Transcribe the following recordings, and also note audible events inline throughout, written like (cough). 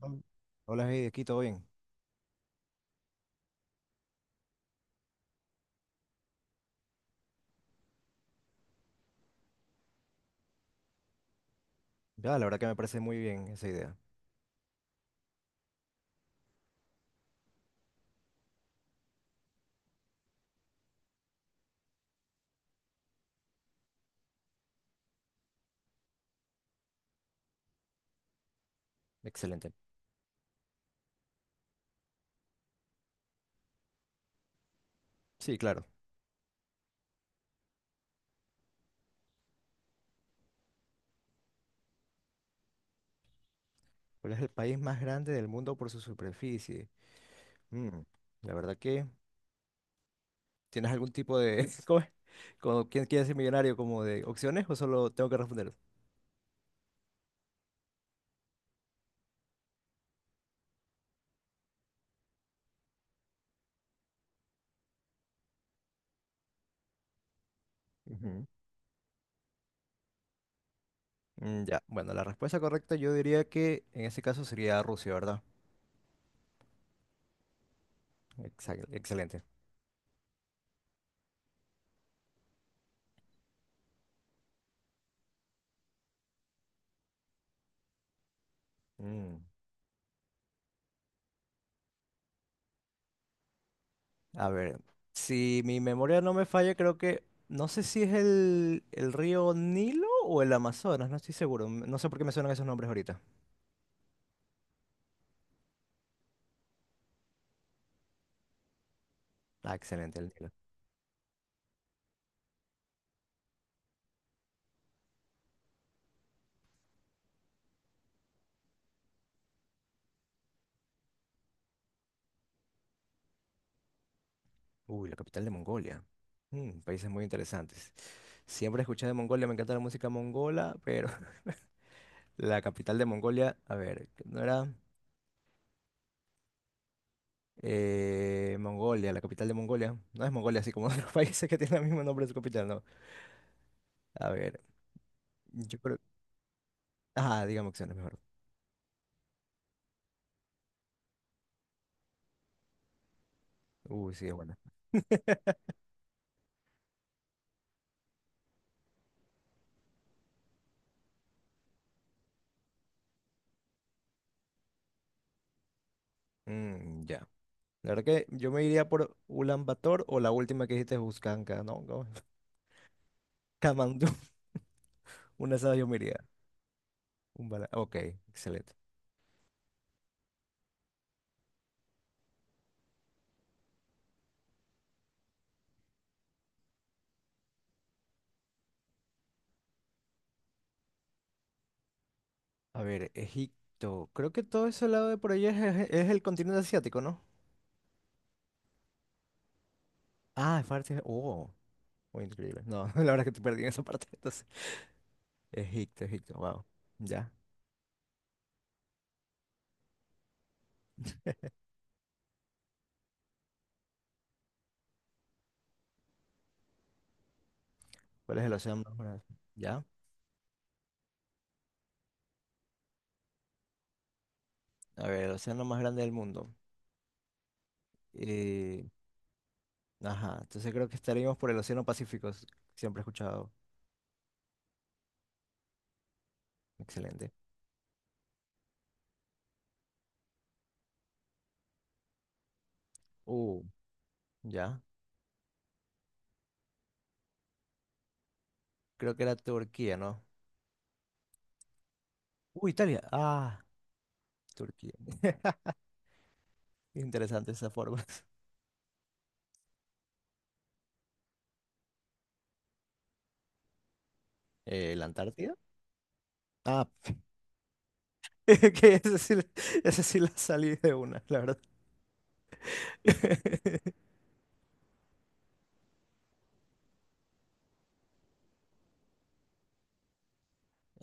Hol- Hola, hey, aquí todo bien. Ya, la verdad que me parece muy bien esa idea. Excelente. Sí, claro. ¿Cuál es el país más grande del mundo por su superficie? Mm, la verdad que ¿tienes algún tipo de... (laughs) ¿Cómo es? Como, ¿quién quiere ser millonario? ¿Como de opciones o solo tengo que responder? Ujú. Mm, ya, bueno, la respuesta correcta yo diría que en ese caso sería Rusia, ¿verdad? Excelente. Mm. A ver, si mi memoria no me falla, creo que, no sé si es el río Nilo o el Amazonas, no estoy seguro. No sé por qué me suenan esos nombres ahorita. Ah, excelente, el Nilo. Uy, la capital de Mongolia. Mm, países muy interesantes. Siempre escuché de Mongolia, me encanta la música mongola, pero (laughs) la capital de Mongolia, a ver, ¿no era Mongolia, la capital de Mongolia? No es Mongolia, así como (laughs) otros países que tienen el mismo nombre de su capital, no. A ver, yo creo... Ah, digamos que es mejor. Uy, sí, es buena. Mm, ya. La verdad que yo me iría por Ulaanbaatar o la última que dijiste, Buscanca, ¿no? ¿Cómo? (laughs) Kamandú, una de esas yo me iría. Ok, excelente. A ver, Egipto. Creo que todo ese lado de por allá es el continente asiático, ¿no? Ah, es parte. Oh, muy increíble. No, (laughs) la verdad es que te perdí en esa parte. (laughs) Entonces, Egipto, Egipto, wow. Ya. ¿Cuál es el océano más grande? Ya. A ver, el océano más grande del mundo. Eh, ajá, entonces creo que estaríamos por el océano Pacífico. Siempre he escuchado. Excelente. Uh, ya. Creo que era Turquía, ¿no? Italia. Ah, Turquía. (laughs) Interesante esa forma. (laughs) ¿La Antártida? Ah, (laughs) que esa sí, esa sí la salí de una, la verdad. (laughs)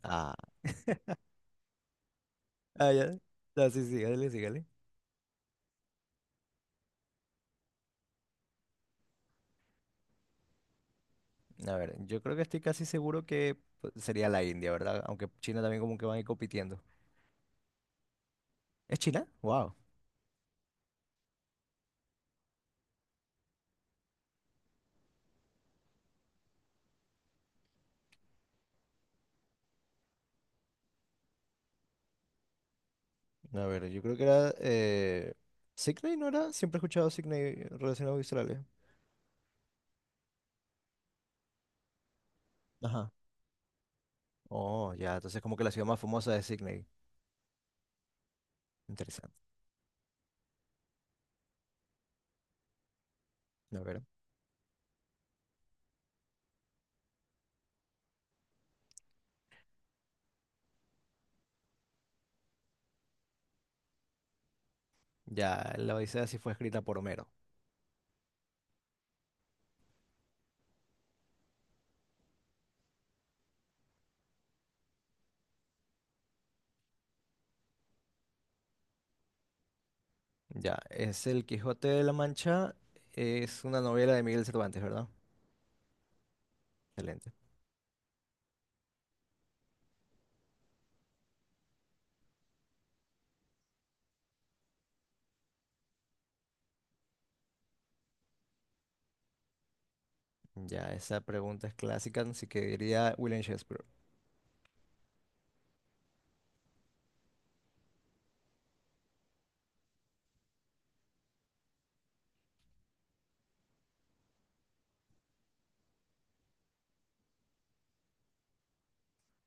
Ah, ah, ya. Ah, sí, sígale, sígale. A ver, yo creo que estoy casi seguro que pues, sería la India, ¿verdad? Aunque China también como que van a ir compitiendo. ¿Es China? Wow. A ver, yo creo que era... ¿Sydney no era? Siempre he escuchado Sydney relacionado a Australia. Ajá. Oh, ya, entonces como que la ciudad más famosa es Sydney. Interesante. A ver. Ya, la Odisea sí fue escrita por Homero. Ya, es El Quijote de la Mancha. Es una novela de Miguel Cervantes, ¿verdad? Excelente. Ya, esa pregunta es clásica, así que diría William Shakespeare.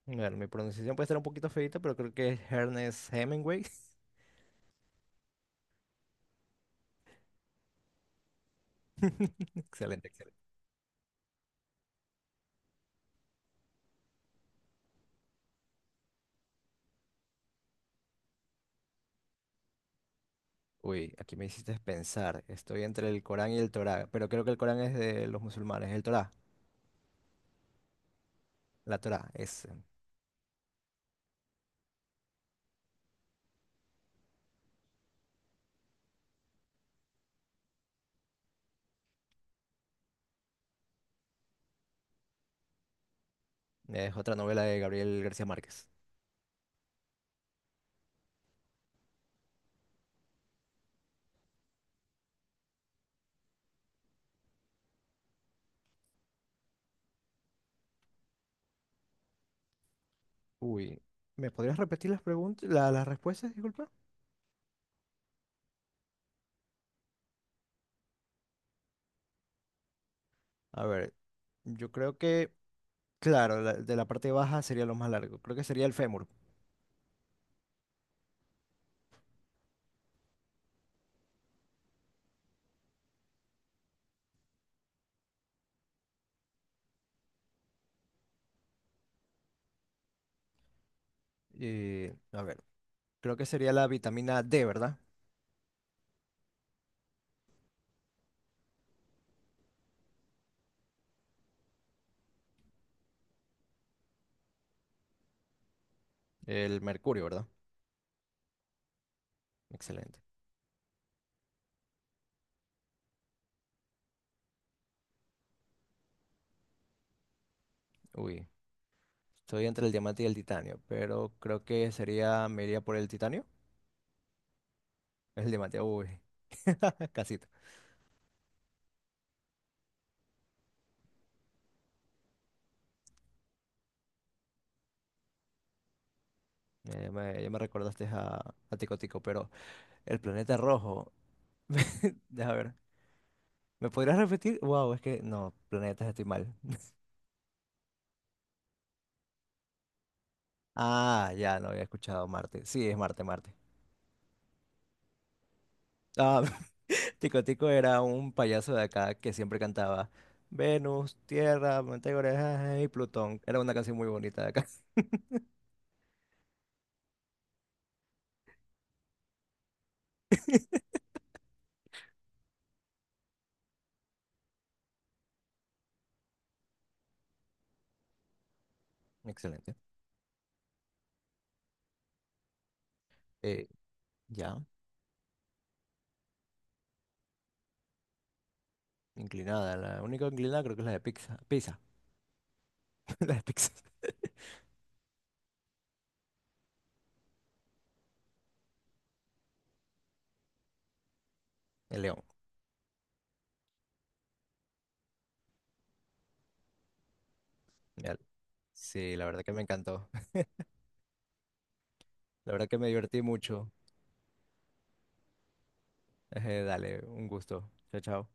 Bueno, mi pronunciación puede estar un poquito feita, pero creo que es Ernest Hemingway. (laughs) Excelente, excelente. Uy, aquí me hiciste pensar. Estoy entre el Corán y el Torá, pero creo que el Corán es de los musulmanes. El Torá, la Torá, es otra novela de Gabriel García Márquez. Uy, ¿me podrías repetir las preguntas, las respuestas, disculpa? A ver, yo creo que, claro, de la parte baja sería lo más largo. Creo que sería el fémur. Y a ver, creo que sería la vitamina D, ¿verdad? El mercurio, ¿verdad? Excelente. Uy, estoy entre el diamante y el titanio, pero creo que sería, me iría por el titanio. Es el diamante, uy, (laughs) casito. Ya me recordaste a Tico Tico, pero el planeta rojo, (laughs) deja ver. ¿Me podrías repetir? Wow, es que no, planetas estoy mal. (laughs) Ah, ya no había escuchado Marte. Sí, es Marte, Marte. Ah, (laughs) Tico Tico era un payaso de acá que siempre cantaba Venus, Tierra, Mantegora y Plutón. Era una canción muy bonita de acá. (laughs) Excelente. Eh, ya, inclinada. La única inclinada creo que es la de Pizza. Pizza. (laughs) La de Pizza. El león. Ya. Sí, la verdad que me encantó. La verdad que me divertí mucho. Dale, un gusto. Chao, chao.